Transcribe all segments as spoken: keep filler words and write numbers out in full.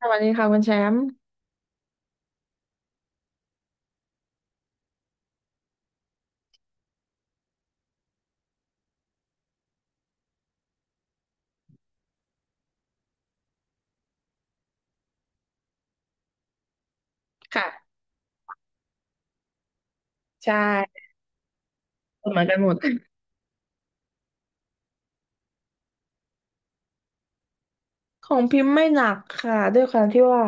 สวัสดีค่ะคุณแชมป์ค่ะใช่เหมือนกันหมดของพิมพ์ไม่หนักค่ะด้วยความที่ว่า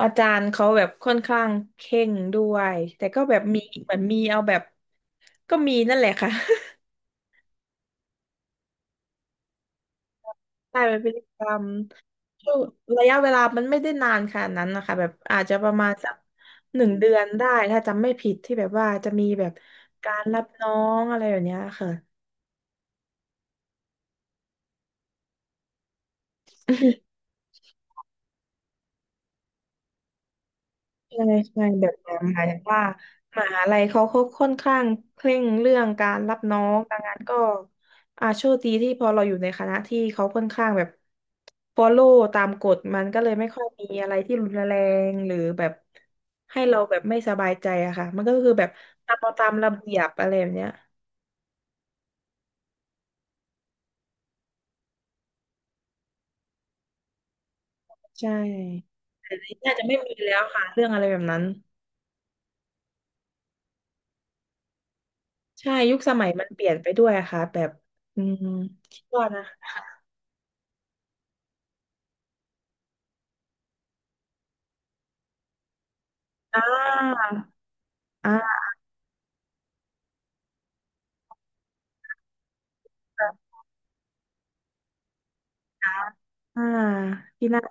อาจารย์เขาแบบค่อนข้างเข่งด้วยแต่ก็แบบมีเหมือนมีเอาแบบก็มีนั่นแหละค่ะ ใช่เป็นพฤติกรรมช่วงระยะเวลามันไม่ได้นานขนาดนั้นนะคะแบบอาจจะประมาณสักหนึ่งเดือนได้ถ้าจำไม่ผิดที่แบบว่าจะมีแบบการรับน้องอะไรแบบเนี้ยค่ะ ใช่ใช่แบบนั้นหมายถึงว่ามหาลัยเขาเขาค่อนข้างเคร่งเรื่องการรับน้องดังนั้นก็อาโชคดีที่พอเราอยู่ในคณะที่เขาค่อนข้างแบบ follow ตามกฎมันก็เลยไม่ค่อยมีอะไรที่รุนแรงหรือแบบให้เราแบบไม่สบายใจอะค่ะมันก็คือแบบทำเอาตามระเบียบอะไรแบบเนี้ยใช่แต่น่าจะไม่มีแล้วค่ะเรื่องอะไรแบบนั้นใช่ยุคสมัยมันเปลี่ยนไปด้วยอะค่ะแบบอืมคิดว่านะอ่าอ่า อ่าที่น่า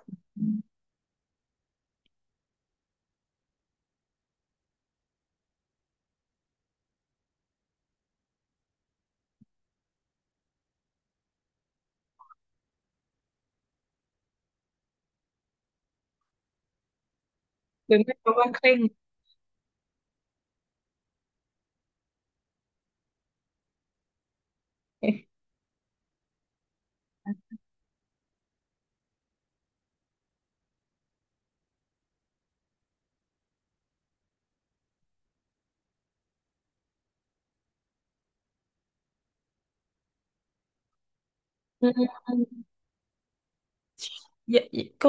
หรือไม่เพราะว่าเคร่ง อืมเยอะก็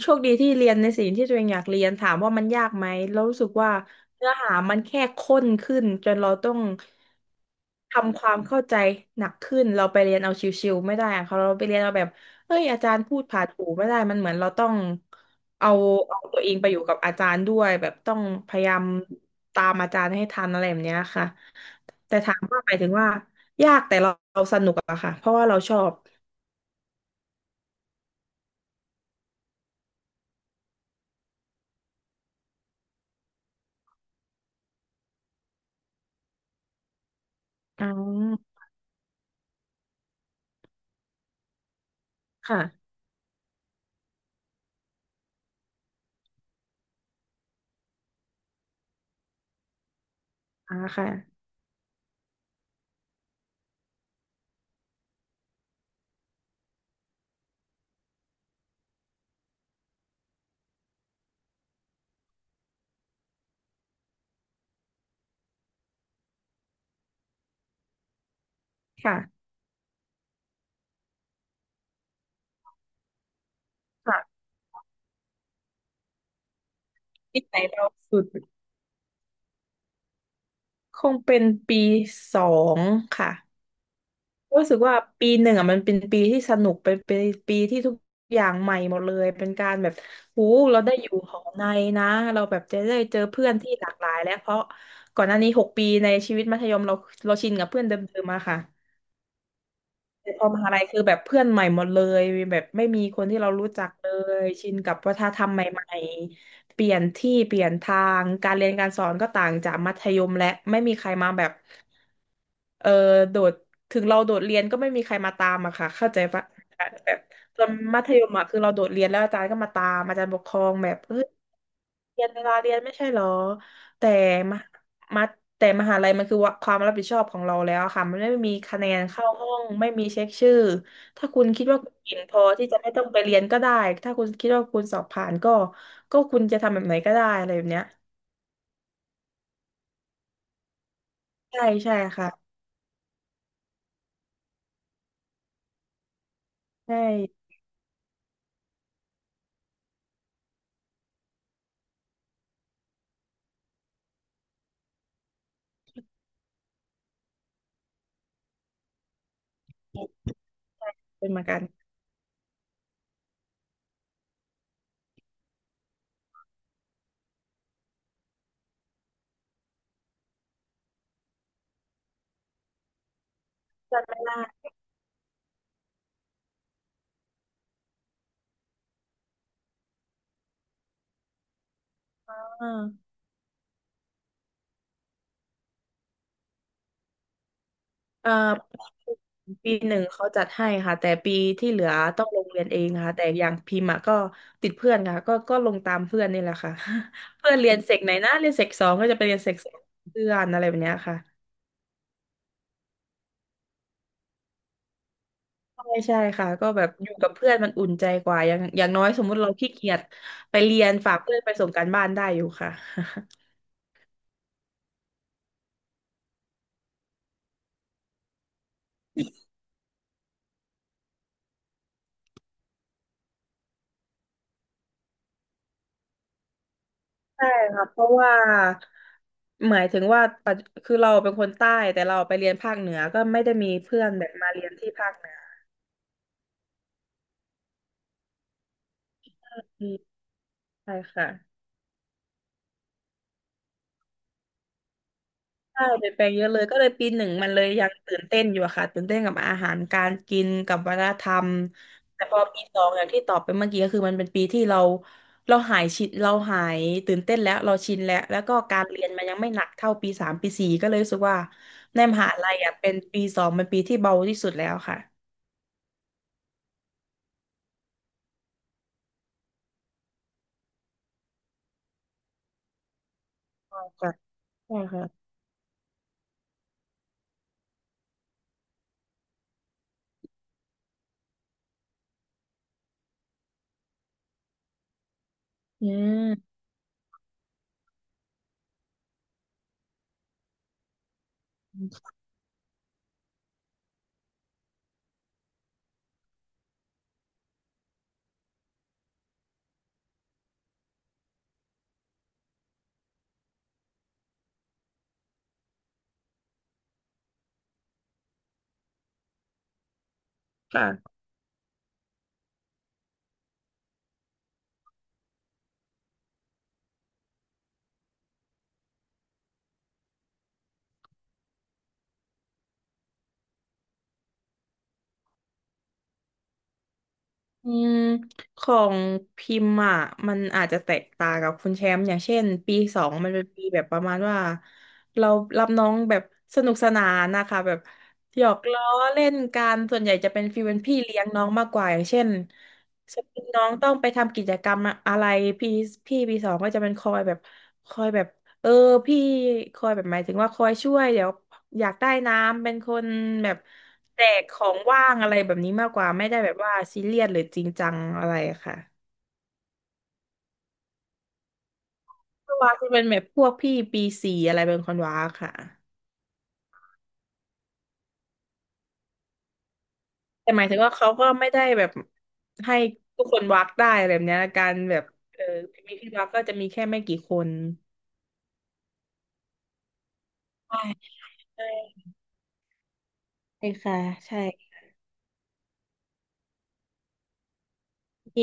โชคดีที่เรียนในสิ่งที่ตัวเองอยากเรียนถามว่ามันยากไหมแล้วรู้สึกว่าเนื้อหามันแค่ข้นขึ้นจนเราต้องทำความเข้าใจหนักขึ้นเราไปเรียนเอาชิวๆไม่ได้อะเขาเราไปเรียนเอาแบบเอ้ยอาจารย์พูดผ่านหูไม่ได้มันเหมือนเราต้องเอาเอาตัวเองไปอยู่กับอาจารย์ด้วยแบบต้องพยายามตามอาจารย์ให้ทันอะไรแบบเนี้ยค่ะ แต่ถามว่าหมายถึงว่ายากแต่เราเราสนุกอะค่ะเพราะว่าเราชอบอ๋อค่ะอ่าค่ะค่ะค่ะทีไหนเราสุดคงเป็นปีสองค่ะรู้สึกว่าปีหนึ่งอ่ะมันเป็นปีที่สนุกเป็นเป็นปีที่ทุกอย่างใหม่หมดเลยเป็นการแบบหูเราได้อยู่หอในนะเราแบบจะได้เจอเพื่อนที่หลากหลายแล้วเพราะก่อนหน้านี้หกปีในชีวิตมัธยมเราเราชินกับเพื่อนเดิมๆมาค่ะ แต่พอมหาลัยคือแบบเพื่อนใหม่หมดเลยแบบไม่มีคนที่เรารู้จักเลยชินกับวัฒนธรรมใหม่ๆเปลี่ยนที่เปลี่ยนทางการเรียนการสอนก็ต่างจากมัธยมและไม่มีใครมาแบบเออโดดถึงเราโดดเรียนก็ไม่มีใครมาตามอะค่ะเข้าใจปะแบบตอนมัธยมอะคือเราโดดเรียนแล้วอาจารย์ก็มาตามอาจารย์ปกครองแบบเฮ้ย เรียนเวลาเรียนไม่ใช่เหรอแต่มหมาแต่มหาลัยมันคือว่าความรับผิดชอบของเราแล้วค่ะมันไม่มีคะแนนเข้าห้อง ไม่มีเช็คชื่อ ถ้าคุณคิดว่าคุณเก่งพอที่จะไม่ต้องไปเรียนก็ได้ถ้าคุณคิดว่าคุณสอบผ่านก็ก็คุณจะทำแบบไหนก็ได้อะไรแบบเนี้ยใช่ใช่ค่ะใช่เป็นเหมือนกันจัดไม่ได้อ่า เอ่อปีหนึ่งเขาจัดให้ค่ะแต่ปีที่เหลือต้องลงเรียนเองค่ะแต่อย่างพิมพ์อะก็ติดเพื่อนค่ะก็ก็ลงตามเพื่อนนี่แหละค่ะ เพื่อนเรียนเสกไหนนะเรียนเสกสองก็จะไปเรียนเสกสองเพื่อนอะไรแบบเนี้ยค่ะใช่ใช่ค่ะก็แบบอยู่กับเพื่อนมันอุ่นใจกว่าอย่างอย่างน้อยสมมุติเราขี้เกียจไปเรียนฝากเพื่อนไปส่งการบ้านได้อยู่ค่ะ ใช่ค่ะเพราะว่าหมายถึงว่าปัจคือเราเป็นคนใต้แต่เราไปเรียนภาคเหนือก็ไม่ได้มีเพื่อนแบบมาเรียนที่ภาคเหนือ ใช่ค่ะใช่เปลี่ยนแปลงเยอะเลยก็เลยปีหนึ่งมันเลยยังตื่นเต้นอยู่อะค่ะตื่นเต้นกับอาหารการกินกับวัฒนธรรมแต่พอปีสองอย่างที่ตอบไปเมื่อกี้ก็คือมันเป็นปีที่เราเราหายชินเราหายตื่นเต้นแล้วเราชินแล้วแล้วก็การเรียนมันยังไม่หนักเท่าปีสามปีสี่ก็เลยรู้สึกว่าในมหาลัยอ่ะเป็นปีสองเป็นปีที่เบาที่สุดแล้วค่ะใช่ค่ะใช่ค่ะอืมค่ะ อืมของพิมพ์อ่ะมันอาจจะแตกต่างกับคุณแชมป์อย่างเช่นปีสองมันเป็นปีแบบประมาณว่าเรารับน้องแบบสนุกสนานนะคะแบบหยอกล้อเล่นกันส่วนใหญ่จะเป็นฟีลเป็นพี่เลี้ยงน้องมากกว่าอย่างเช่นสมมติน้องต้องไปทำกิจกรรมอะไรพี่พี่ปีสองก็จะเป็นคอยแบบคอยแบบ เออพี่คอยแบบหมายถึงว่าคอยช่วยเดี๋ยวอยากได้น้ำเป็นคนแบบแจกของว่างอะไรแบบนี้มากกว่าไม่ได้แบบว่าซีเรียสหรือจริงจังอะไรอะค่ะเพรวาจะเป็นแบบพวกพี่ปีสี่อะไรเป็นคนวักค่ะแต่หมายถึงว่าเขาก็ไม่ได้แบบให้ทุกคนวักได้อะไรแบบเนี้ยการแบบเออมีพี่วักก็จะมีแค่ไม่กี่คนใช่ใช่ใช่ค่ะใช่นี่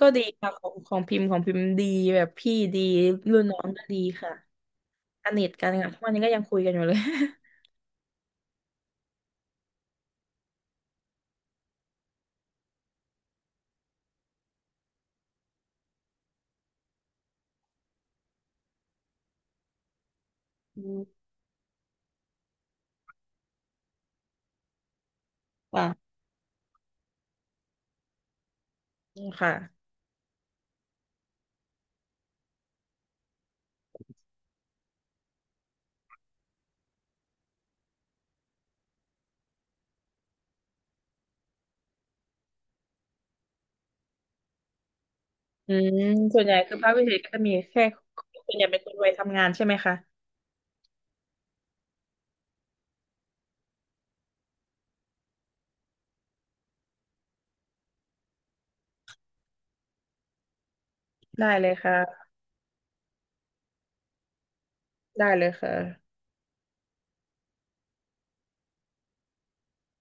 ก็ดีค่ะของของพิมพ์ของพิมพ์ดีแบบพี่ดีรุ่นน้องก็ดีค่ะ สนิทกันค่ะทุกวันนี้ก็ยังคุยกันอยู่เลยอืมค่ะค่ะอืมส่วนใหญ่คือภาควิเศษก็จะมีแค่คุนอยากเป็นคนวัยทำงานใช่ไหมคะ ได้เลยค่ะ ได้เลยค่ะ